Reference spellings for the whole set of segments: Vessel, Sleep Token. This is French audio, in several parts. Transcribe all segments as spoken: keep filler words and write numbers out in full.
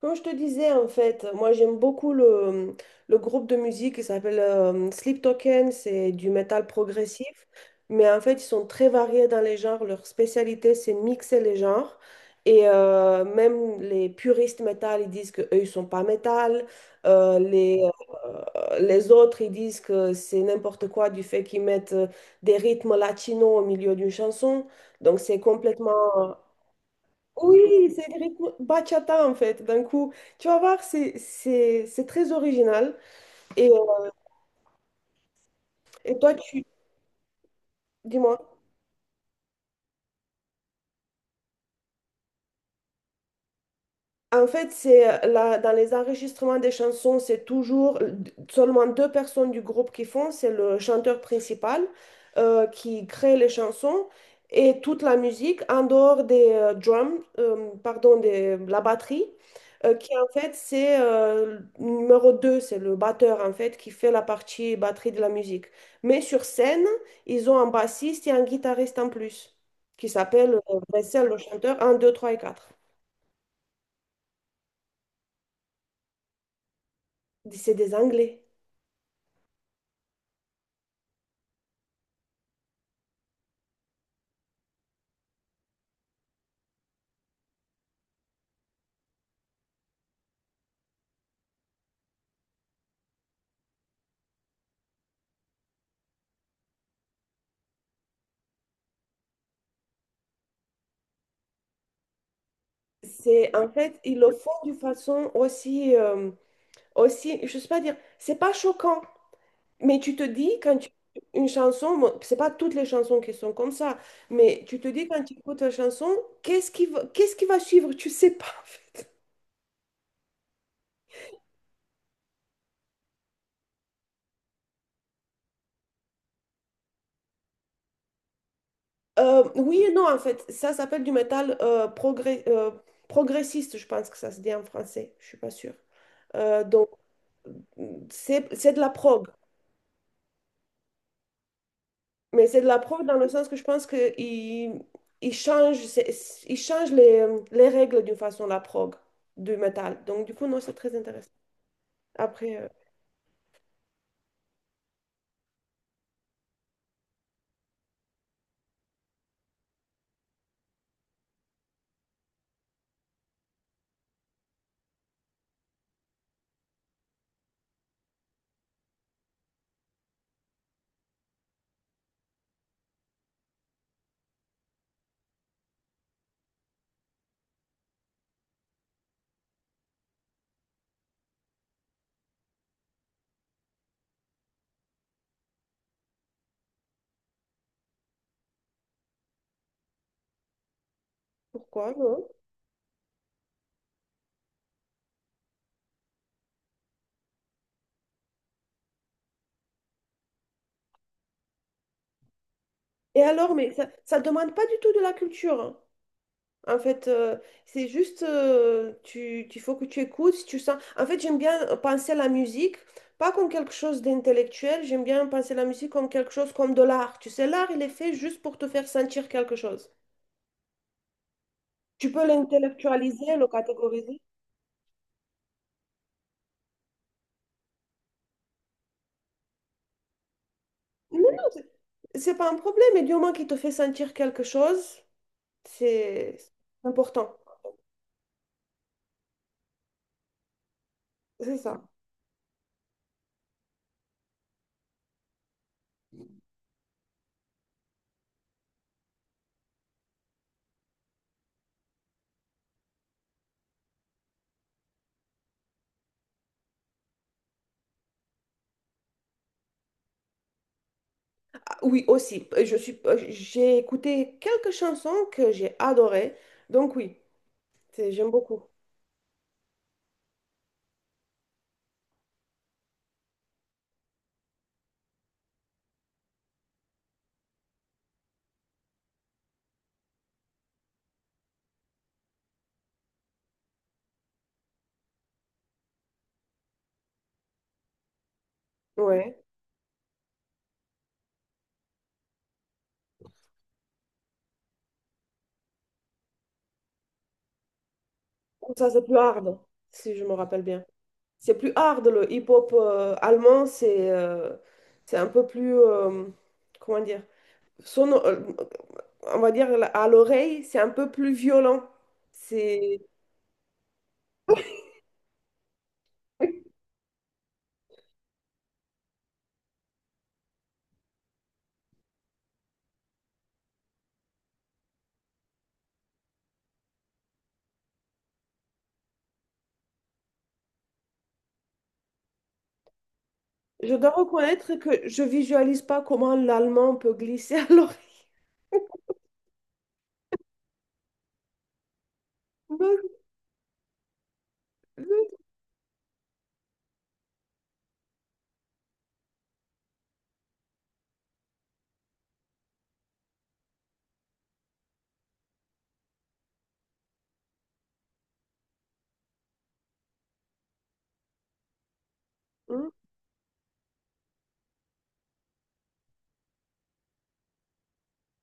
Comme je te disais, en fait, moi j'aime beaucoup le, le groupe de musique qui s'appelle euh, Sleep Token, c'est du métal progressif, mais en fait ils sont très variés dans les genres, leur spécialité c'est mixer les genres, et euh, même les puristes métal, ils disent qu'eux ils sont pas métal. Euh, les, euh, les autres ils disent que c'est n'importe quoi du fait qu'ils mettent euh, des rythmes latinos au milieu d'une chanson, donc c'est complètement oui, c'est des rythmes bachata en fait. D'un coup, tu vas voir, c'est c'est- c'est très original. Et, euh, et toi, tu... Dis-moi. En fait, c'est là, dans les enregistrements des chansons, c'est toujours seulement deux personnes du groupe qui font. C'est le chanteur principal euh, qui crée les chansons et toute la musique en dehors des euh, drums, euh, pardon, de la batterie, euh, qui en fait c'est euh, numéro deux, c'est le batteur en fait qui fait la partie batterie de la musique. Mais sur scène, ils ont un bassiste et un guitariste en plus qui s'appelle euh, Vessel, le chanteur un, deux, trois et quatre. C'est des Anglais. C'est en fait, ils le font d'une façon aussi, euh, aussi, je sais pas dire, c'est pas choquant, mais tu te dis quand tu une chanson, bon, c'est pas toutes les chansons qui sont comme ça, mais tu te dis quand tu écoutes la chanson, qu'est-ce qui va, qu'est-ce qui va suivre? Tu sais pas en fait. Euh, oui et non en fait, ça s'appelle du métal euh, progrès- euh, progressiste, je pense que ça se dit en français, je suis pas sûre. Euh, donc c'est c'est de la prog. Mais c'est de la preuve dans le sens que je pense qu'ils ils changent, c'est- ils changent les, les règles d'une façon, la prog du métal. Donc, du coup, non, c'est très intéressant. Après, euh, pourquoi, non? Et alors, mais ça, ça demande pas du tout de la culture, hein. En fait, euh, c'est juste, euh, tu, tu faut que tu écoutes, si tu sens. En fait, j'aime bien penser à la musique, pas comme quelque chose d'intellectuel, j'aime bien penser à la musique comme quelque chose comme de l'art. Tu sais, l'art, il est fait juste pour te faire sentir quelque chose. Tu peux l'intellectualiser, le catégoriser. Mais non, c'est c'est pas un problème, mais du moment qu'il te fait sentir quelque chose, c'est c'est important. C'est ça. Ah, oui, aussi. Je suis, j'ai écouté quelques chansons que j'ai adorées, donc oui, c'est- j'aime beaucoup. Ouais. Ça, c'est plus hard, si je me rappelle bien. C'est plus hard, le hip-hop euh, allemand, c'est euh, c'est un peu plus, euh, comment dire, sono- euh, on va dire, à l'oreille, c'est un peu plus violent. C'est, je dois reconnaître que je visualise pas comment l'allemand peut glisser à l'oreille. Donc, hmm,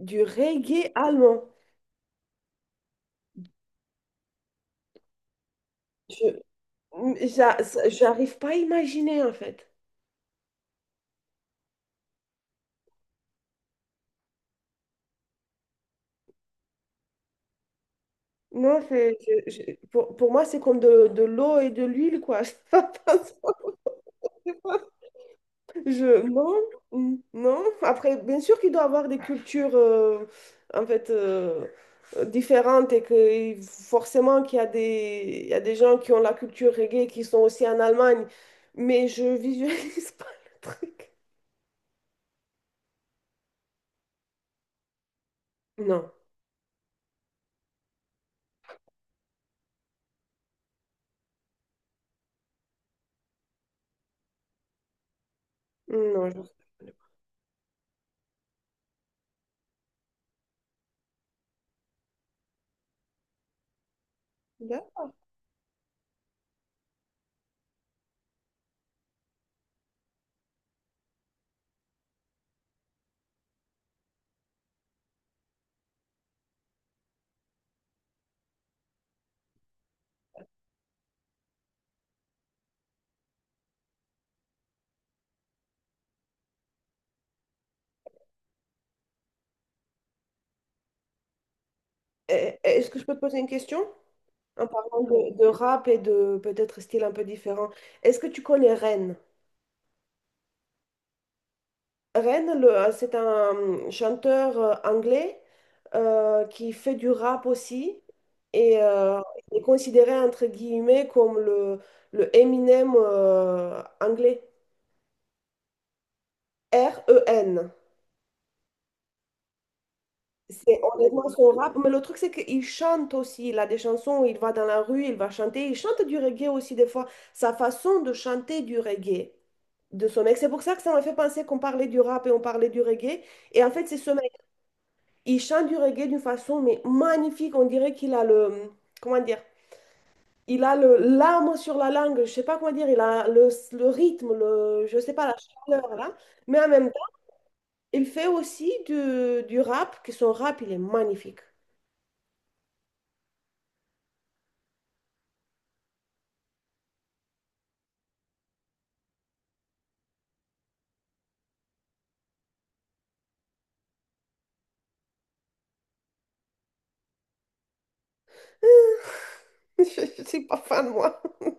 du reggae allemand. Je, j'a- J'arrive pas à imaginer, en fait. Non, c'est, je- je- pour, pour moi, c'est comme de, de l'eau et de l'huile, quoi. Ça passe pas. Je, non, mm, non. Après, bien sûr qu'il doit avoir des cultures euh, en fait euh, euh, différentes et que forcément qu'il y a des, il y a des gens qui ont la culture reggae qui sont aussi en Allemagne, mais je visualise pas le truc. Non, non, je- Là. Eh, eh, est-ce que je peux te poser une question en parlant de, de rap et de peut-être style un peu différent? Est-ce que tu connais Rennes? Ren, le- euh, c'est un euh, chanteur euh, anglais euh, qui fait du rap aussi et euh, il est considéré entre guillemets comme le, le Eminem euh, anglais. R E N. C'est honnêtement son rap, mais le truc c'est qu'il chante aussi. Il a des chansons, où il va dans la rue, il va chanter. Il chante du reggae aussi des fois. Sa façon de chanter du reggae de ce mec. C'est pour ça que ça m'a fait penser qu'on parlait du rap et on parlait du reggae. Et en fait, c'est ce mec. Il chante du reggae d'une façon mais magnifique. On dirait qu'il a le, comment dire, il a le l'âme sur la langue. Je sais pas comment dire. Il a le, le rythme, le, je sais pas la chaleur là. Mais en même temps, il fait aussi du, du rap. Que son rap, il est magnifique. Je, je suis pas fan moi.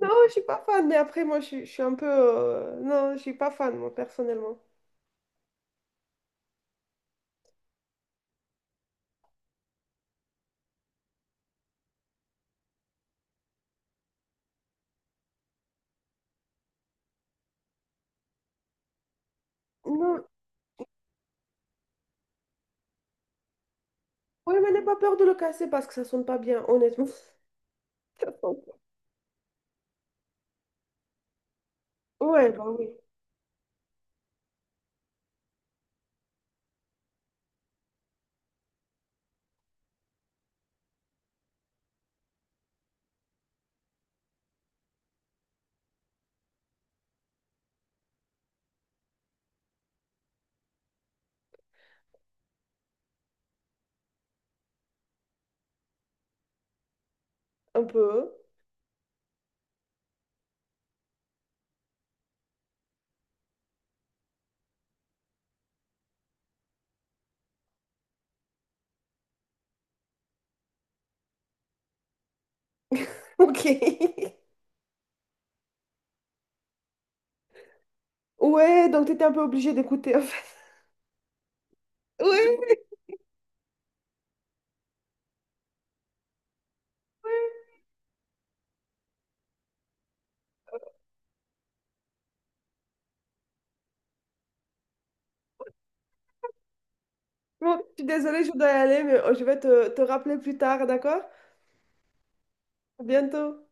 Non, je suis pas fan. Mais après, moi, je, suis je suis un peu, euh, non, je suis pas fan moi personnellement. Non, oui, mais n'aie pas peur de le casser parce que ça sonne pas bien, honnêtement. Ça sonne- pas. Ouais, bah oui, un peu. Ok. Ouais, donc tu étais un peu obligée d'écouter en fait. Oui. Bon, je suis désolée, je dois y aller, mais euh, je vais te, te rappeler plus tard, d'accord? À bientôt.